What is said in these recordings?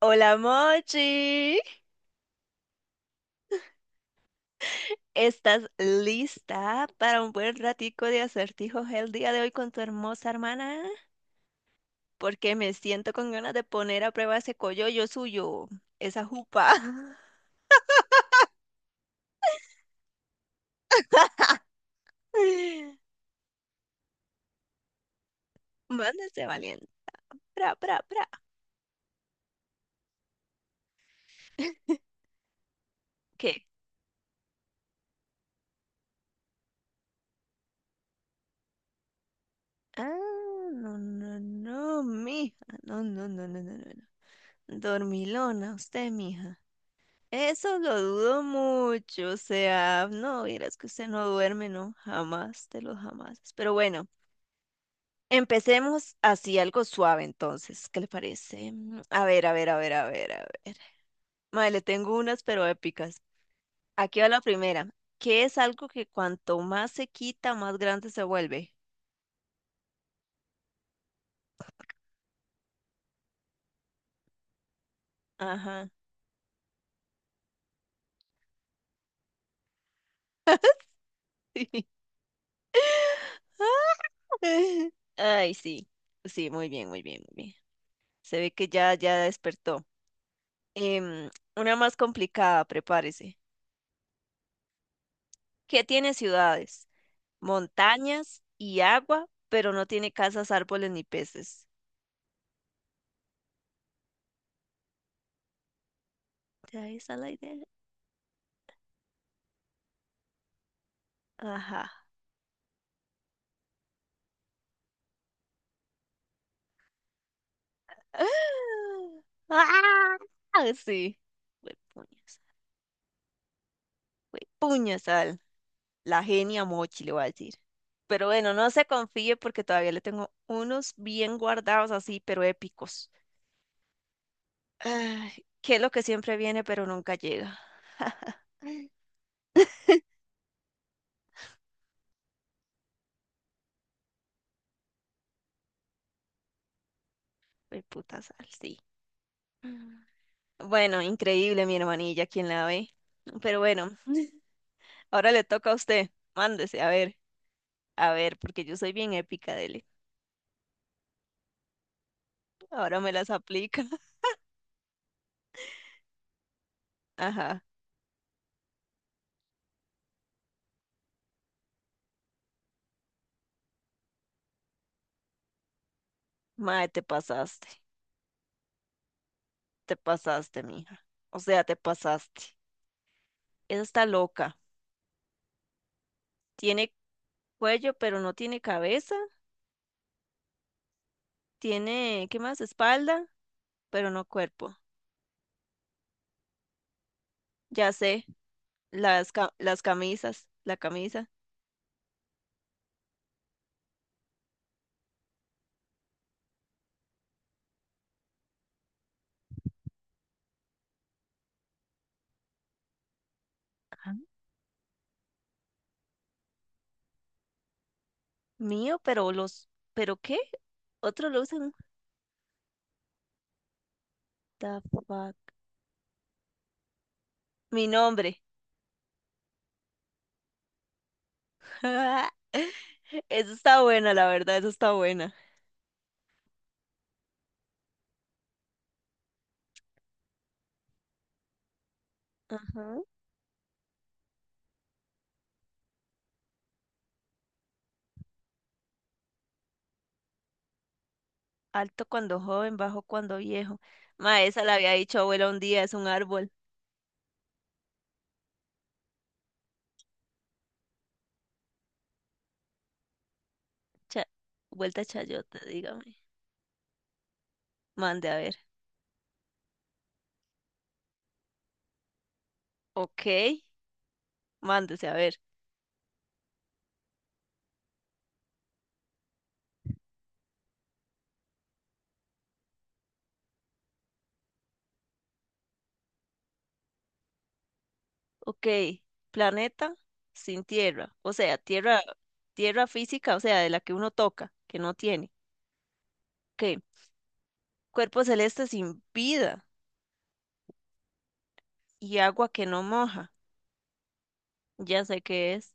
Hola Mochi, ¿estás lista para un buen ratico de acertijos el día de hoy con tu hermosa hermana? Porque me siento con ganas de poner a prueba ese coyollo suyo, esa jupa. Mándese valiente. Pra, pra, pra. ¿Qué? Ah, no, no, no, mija. No, no, no, no, no, no. no. Dormilona, usted, mija. Eso lo dudo mucho, o sea, no, vieras que usted no duerme, no, jamás, de los jamás. Pero bueno, empecemos así, algo suave entonces, ¿qué le parece? Mm, a ver, a ver, a ver, a ver, a ver. Mae, le tengo unas pero épicas. Aquí va la primera. ¿Qué es algo que cuanto más se quita, más grande se vuelve? Ajá. Ay, sí, sí, muy bien, muy bien, muy bien. Se ve que ya despertó. Em, una más complicada, prepárese. Que tiene ciudades, montañas y agua, pero no tiene casas, árboles ni peces. ¿De ahí está la idea? Ajá. ¡Ah! Sí. Huepuñas. Huepuñas al- La genia Mochi, le voy a decir. Pero bueno, no se confíe porque todavía le tengo unos bien guardados así, pero épicos. Ay, ¿qué es lo que siempre viene pero nunca llega? Puta sal, sí. Mm. Bueno, increíble, mi hermanilla, quien la ve. Pero bueno, ahora le toca a usted. Mándese, a ver, porque yo soy bien épica, dele. Ahora me las aplica. Ajá. Mae, te pasaste. Te pasaste, mija. O sea, te pasaste. Esa está loca. Tiene cuello, pero no tiene cabeza. Tiene, ¿qué más? Espalda, pero no cuerpo. Ya sé, las camisas, la camisa. Ajá. Mío, pero los, ¿pero qué? Otros lo usan. The fuck? Mi nombre. Eso está buena, la verdad, eso está buena. Ajá. Alto cuando joven, bajo cuando viejo. Ma, esa la había dicho abuela un día, es un árbol. Cha- Vuelta chayota, dígame. Mande a ver. Ok, mándese a ver. Ok, planeta sin tierra, o sea, tierra, tierra física, o sea, de la que uno toca, que no tiene. Ok, cuerpo celeste sin vida y agua que no moja. Ya sé que es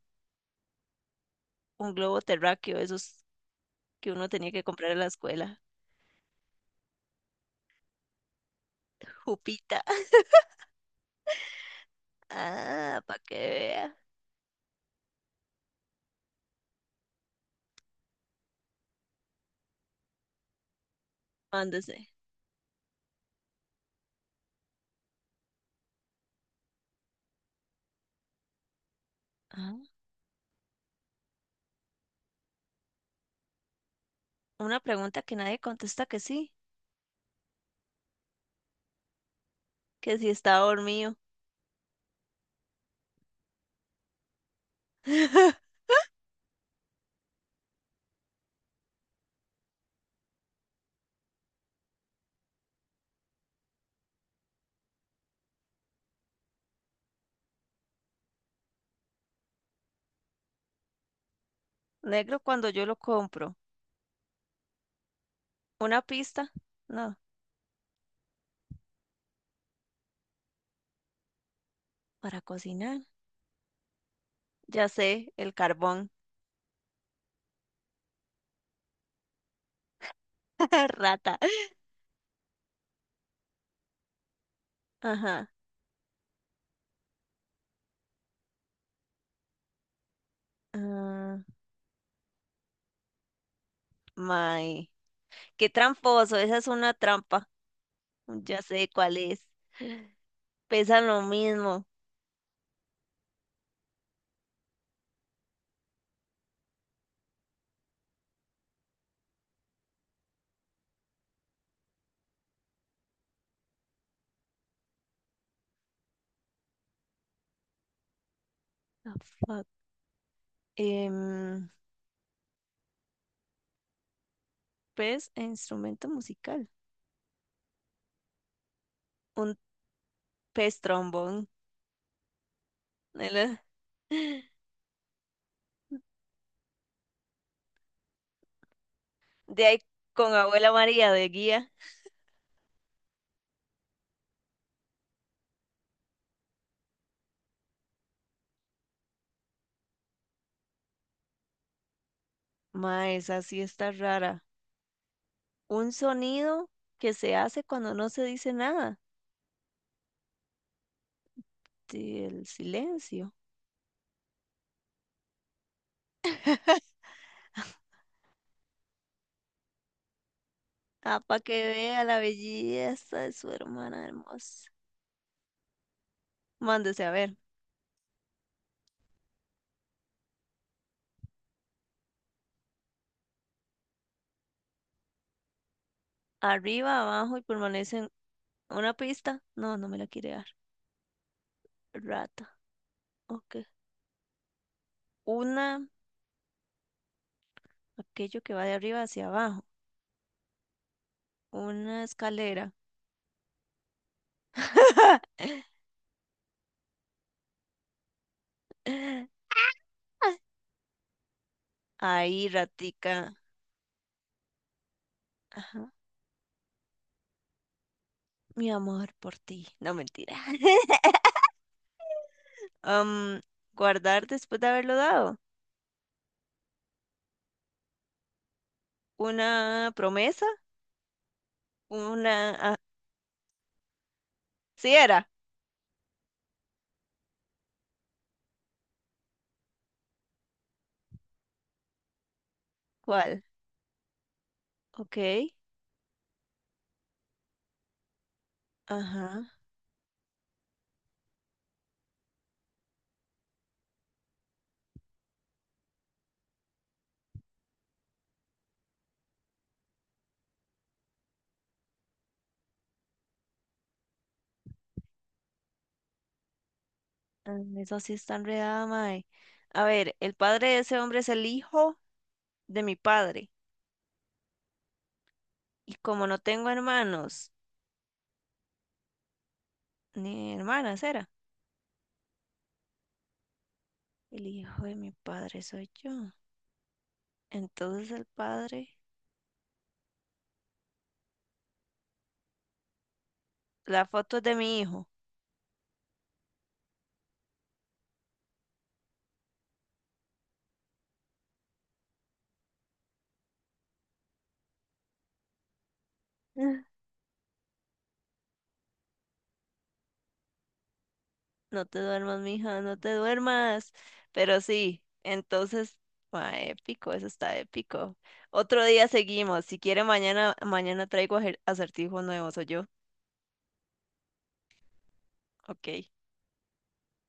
un globo terráqueo, eso es que uno tenía que comprar en la escuela. Jupita. Ah, para que vea. Mándese. Ah, una pregunta que nadie contesta que sí, que si está dormido. Negro cuando yo lo compro. Una pista. No, para cocinar. Ya sé, el carbón. Rata. Ajá. Ah, may. Qué tramposo, esa es una trampa. Ya sé cuál es. Pesan lo mismo. Ah, fuck. Em, Pez e instrumento musical. Un pez trombón. ¿Verdad? De ahí con abuela María de guía. Ma, esa sí está rara. Un sonido que se hace cuando no se dice nada. Sí, el silencio. Ah, para que vea la belleza de su hermana hermosa. Mándese a ver. Arriba, abajo y permanecen. ¿Una pista? No, no me la quiere dar. Rata. Ok. Una, aquello que va de arriba hacia abajo. Una escalera. Ahí, ratica, mi amor por ti. No, mentira. Am, guardar después de haberlo dado. Una promesa, una... ah, sí era. ¿Cuál? Ok. Ajá. Eso sí está enredada, mae. A ver, el padre de ese hombre es el hijo de mi padre. Y como no tengo hermanos, ni hermanas, era. El hijo de mi padre soy yo. Entonces el padre... la foto es de mi hijo. No te duermas, mija, no te duermas. Pero sí, entonces, ma, épico, eso está épico. Otro día seguimos. Si quiere, mañana, mañana traigo acertijos nuevos, ¿o yo? Ok.